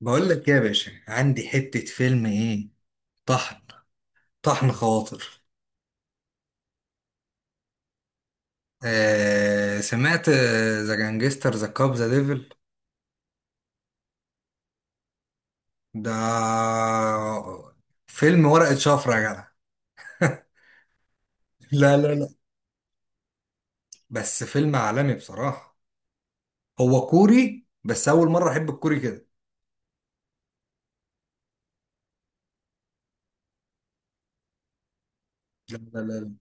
بقول لك إيه يا باشا، عندي حتة فيلم ايه طحن. طحن خواطر. آه سمعت، ذا جانجستر ذا كاب ذا ديفل. ده فيلم ورقة شفرة يا جدع. لا لا لا. بس فيلم عالمي بصراحة. هو كوري، بس أول مرة أحب الكوري كده. لا لا لا،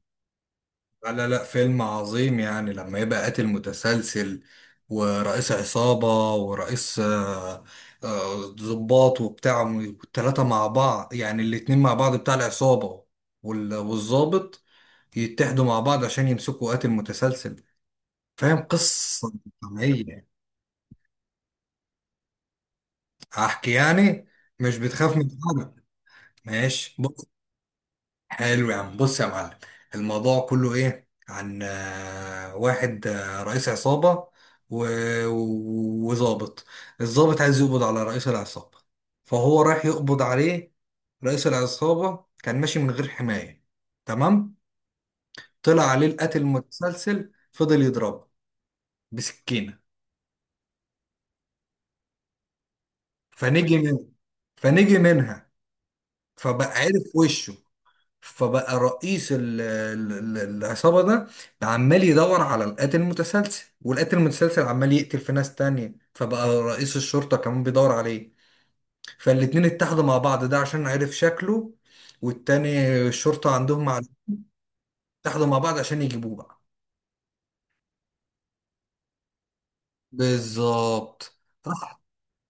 لا لا لا، فيلم عظيم يعني لما يبقى قاتل متسلسل ورئيس عصابة ورئيس ضباط وبتاع، والتلاتة مع بعض، يعني الاتنين مع بعض بتاع العصابة، والضابط يتحدوا مع بعض عشان يمسكوا قاتل متسلسل. فاهم قصة طبيعية؟ أحكي يعني، مش بتخاف من حاجة؟ ماشي. حلو يا عم، بص يا معلم. الموضوع كله ايه؟ عن واحد، رئيس عصابة وظابط. الظابط عايز يقبض على رئيس العصابة، فهو رايح يقبض عليه. رئيس العصابة كان ماشي من غير حماية، تمام، طلع عليه القاتل المتسلسل فضل يضربه بسكينة. فنجي من فنجي منها، فبقى عرف وشه. فبقى رئيس العصابة ده عمال يدور على القاتل المتسلسل، والقاتل المتسلسل عمال يقتل في ناس تانية، فبقى رئيس الشرطة كمان بيدور عليه. فالاتنين اتحدوا مع بعض، ده عشان عرف شكله، والتاني الشرطة عندهم مع. اتحدوا مع بعض عشان يجيبوه بقى. بالظبط. راح،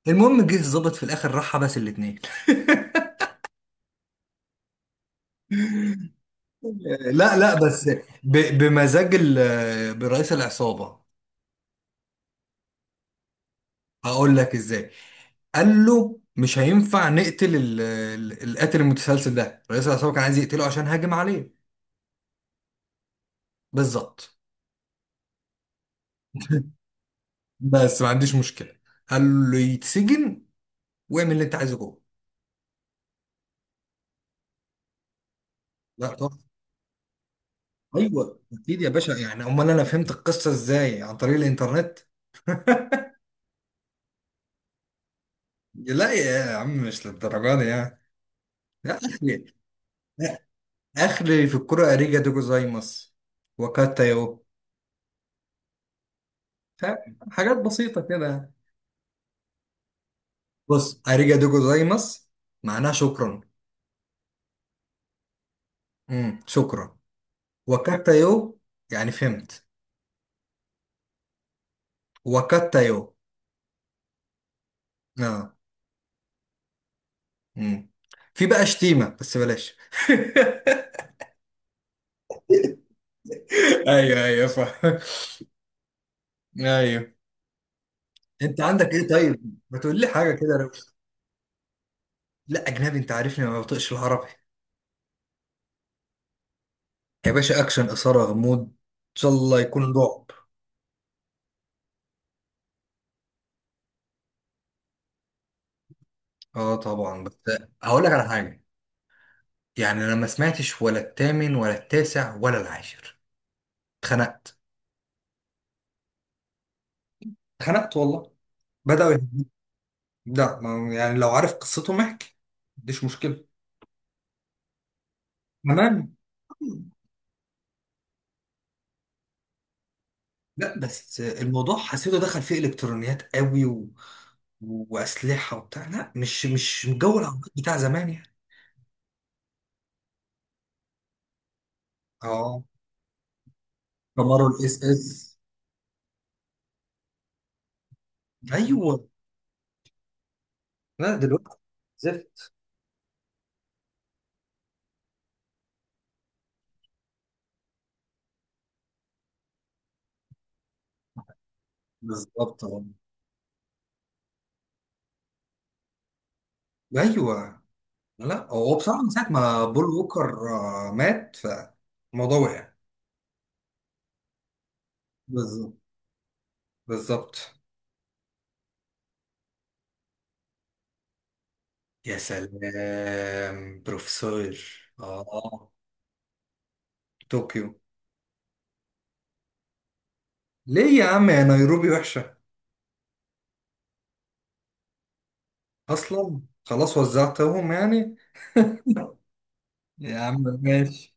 المهم جه الظابط في الاخر، راح بس الاتنين. لا لا بس، بمزاج برئيس العصابة. هقول لك ازاي. قال له مش هينفع نقتل القاتل المتسلسل ده، رئيس العصابه كان عايز يقتله عشان هاجم عليه. بالظبط. بس ما عنديش مشكله. قال له يتسجن واعمل اللي انت عايزه جوه. لا طبعا. ايوه اكيد يا باشا، يعني امال انا فهمت القصه ازاي؟ عن طريق الانترنت. لا يا عم مش للدرجه دي يعني. لا اخلي. لا، اخلي في الكره اريجا دوجو زايمس وكاتا يو. فاهم؟ حاجات بسيطه كده. بص، اريجادو جوزايماس معناها شكرا. شكرا. وكاتايو يعني فهمت. وكاتايو، اه. امم. في بقى شتيمة بس بلاش. ايوه ايوه صح. ايوه. انت عندك ايه؟ طيب ما تقول لي حاجه كده لو-. لا اجنبي، انت عارفني ما بطيقش العربي. يا باشا اكشن، اثاره، غموض، ان شاء الله يكون رعب. اه طبعا بس. هقول لك على حاجه. يعني انا ما سمعتش ولا الثامن ولا التاسع ولا العاشر، اتخنقت. اتخنقت والله، بدأوا يهاجموا. لا ما-، يعني لو عارف قصتهم احكي، مفيش مشكلة. تمام. لا بس الموضوع حسيته دخل فيه الكترونيات قوي و... واسلحه وبتاع، لا مش مش جو العربيات بتاع زمان يعني. اه، كامارو الاس اس. ايوه. لا دلوقتي زفت. بالظبط. اه. ايوه. لا هو بصراحه من ساعه ما بول ووكر مات، فالموضوع وقع. بالظبط، بالظبط. يا سلام، بروفيسور. اه، طوكيو. ليه يا عم؟ يا نيروبي وحشة؟ أصلا خلاص وزعتهم يعني. يا عم ماشي.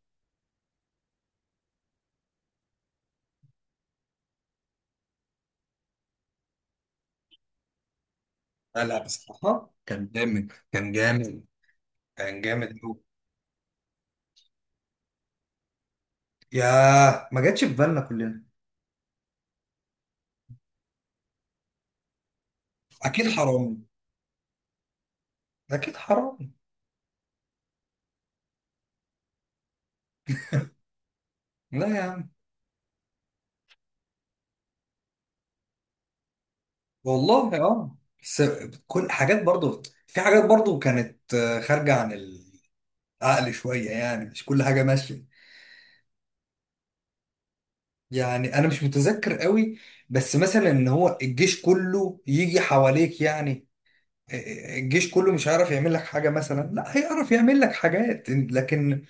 لا لا، بصراحة كان جامد، كان جامد. كان جامد أوي. ياه، ما جاتش في بالنا كلنا. أكيد حرامي، أكيد حرامي. لا يا عم. والله أه. بس كل حاجات برضو، في حاجات برضو كانت خارجة عن العقل شوية، يعني مش كل حاجة ماشية. يعني أنا مش متذكر قوي، بس مثلا إن هو الجيش كله يجي حواليك يعني. الجيش كله مش هيعرف يعمل لك حاجة مثلا، لا هيعرف يعمل لك حاجات لكن.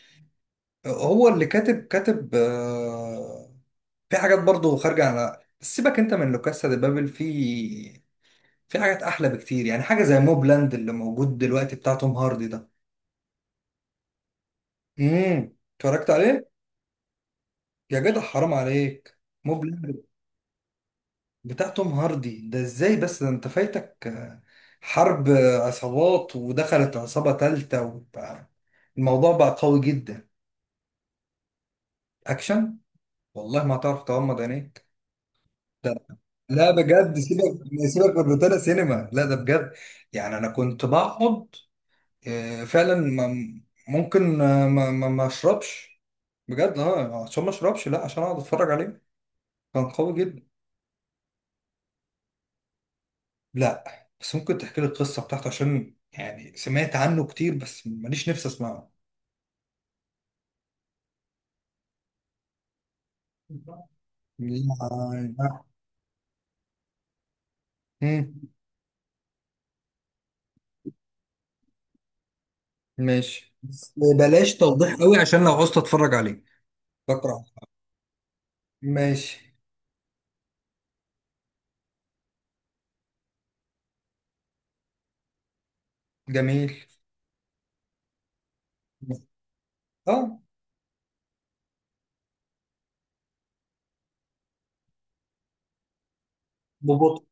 هو اللي كاتب في حاجات برضه خارجة على. سيبك انت من لوكاسا دي بابل، في حاجات احلى بكتير يعني، حاجة زي موبلاند اللي موجود دلوقتي بتاع توم هاردي ده. امم، اتفرجت عليه. يا جدع حرام عليك، موبلاند بتاع توم هاردي ده ازاي؟ بس ده انت فايتك حرب عصابات، ودخلت عصابة تالتة، وبقى الموضوع بقى قوي جدا. اكشن. والله ما هتعرف تغمض عينيك. ده لا بجد سيبك. سيبك من روتانا سينما، لا ده بجد. يعني انا كنت بقعد فعلا ما-، ممكن ما اشربش، بجد اه، عشان ما اشربش. لا عشان اقعد اتفرج عليه. كان قوي جدا. لا بس ممكن تحكي لي القصه بتاعته عشان يعني سمعت عنه كتير بس ماليش نفسي اسمعه. لا. مم. ماشي بس بلاش توضيح قوي عشان لو عوزت اتفرج عليه بكره. ماشي. جميل. اه. ببطء.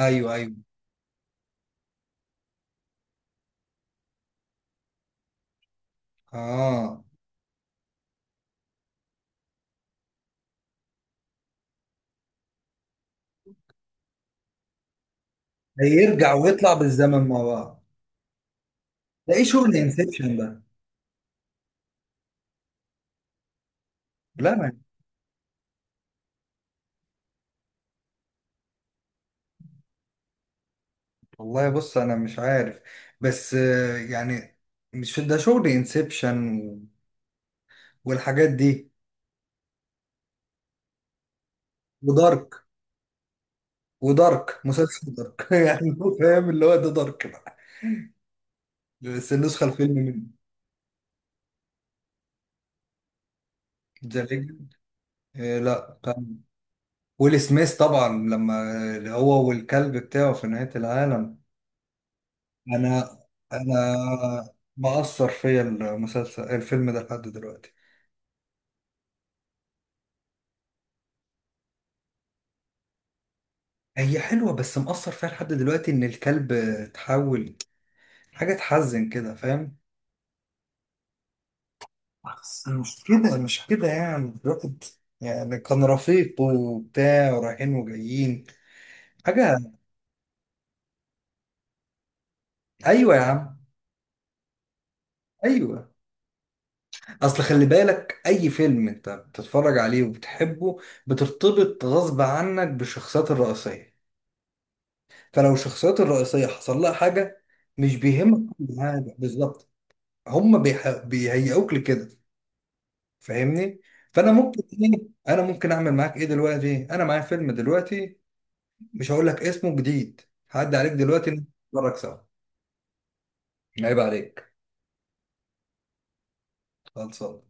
ايوه ايوه. اه. هيرجع ويطلع بالزمن مع بعض. ده ايه؟ شغل انسبشن ده. لا ما-. والله بص انا مش عارف، بس يعني مش ده شغل انسبشن والحاجات دي. ودارك ودارك مسلسل دارك. يعني هو فاهم اللي هو ده، دارك بقى. بس النسخه الفيلم من. ذا ليجند. لا كان. ويل سميث طبعا، لما هو والكلب بتاعه في نهايه العالم. انا انا مأثر فيا المسلسل الفيلم ده لحد دلوقتي. هي حلوة، بس مأثر فيها لحد دلوقتي ان الكلب اتحول، حاجة تحزن كده فاهم. مش كده، مش كده، يعني الواحد يعني كان رفيق وبتاع ورايحين وجايين حاجة. ايوه يا عم. ايوه. اصل خلي بالك، اي فيلم انت بتتفرج عليه وبتحبه بترتبط غصب عنك بالشخصيات الرئيسية. فلو الشخصيات الرئيسية حصل لها حاجة، مش بيهمك كل حاجة بالظبط. هم بيح- بيهيئوك لكده، فاهمني؟ فانا ممكن ايه، انا ممكن اعمل معاك ايه دلوقتي؟ انا معايا فيلم دلوقتي، مش هقول لك اسمه جديد. هعدي عليك دلوقتي نتفرج سوا. عيب عليك. خلصان.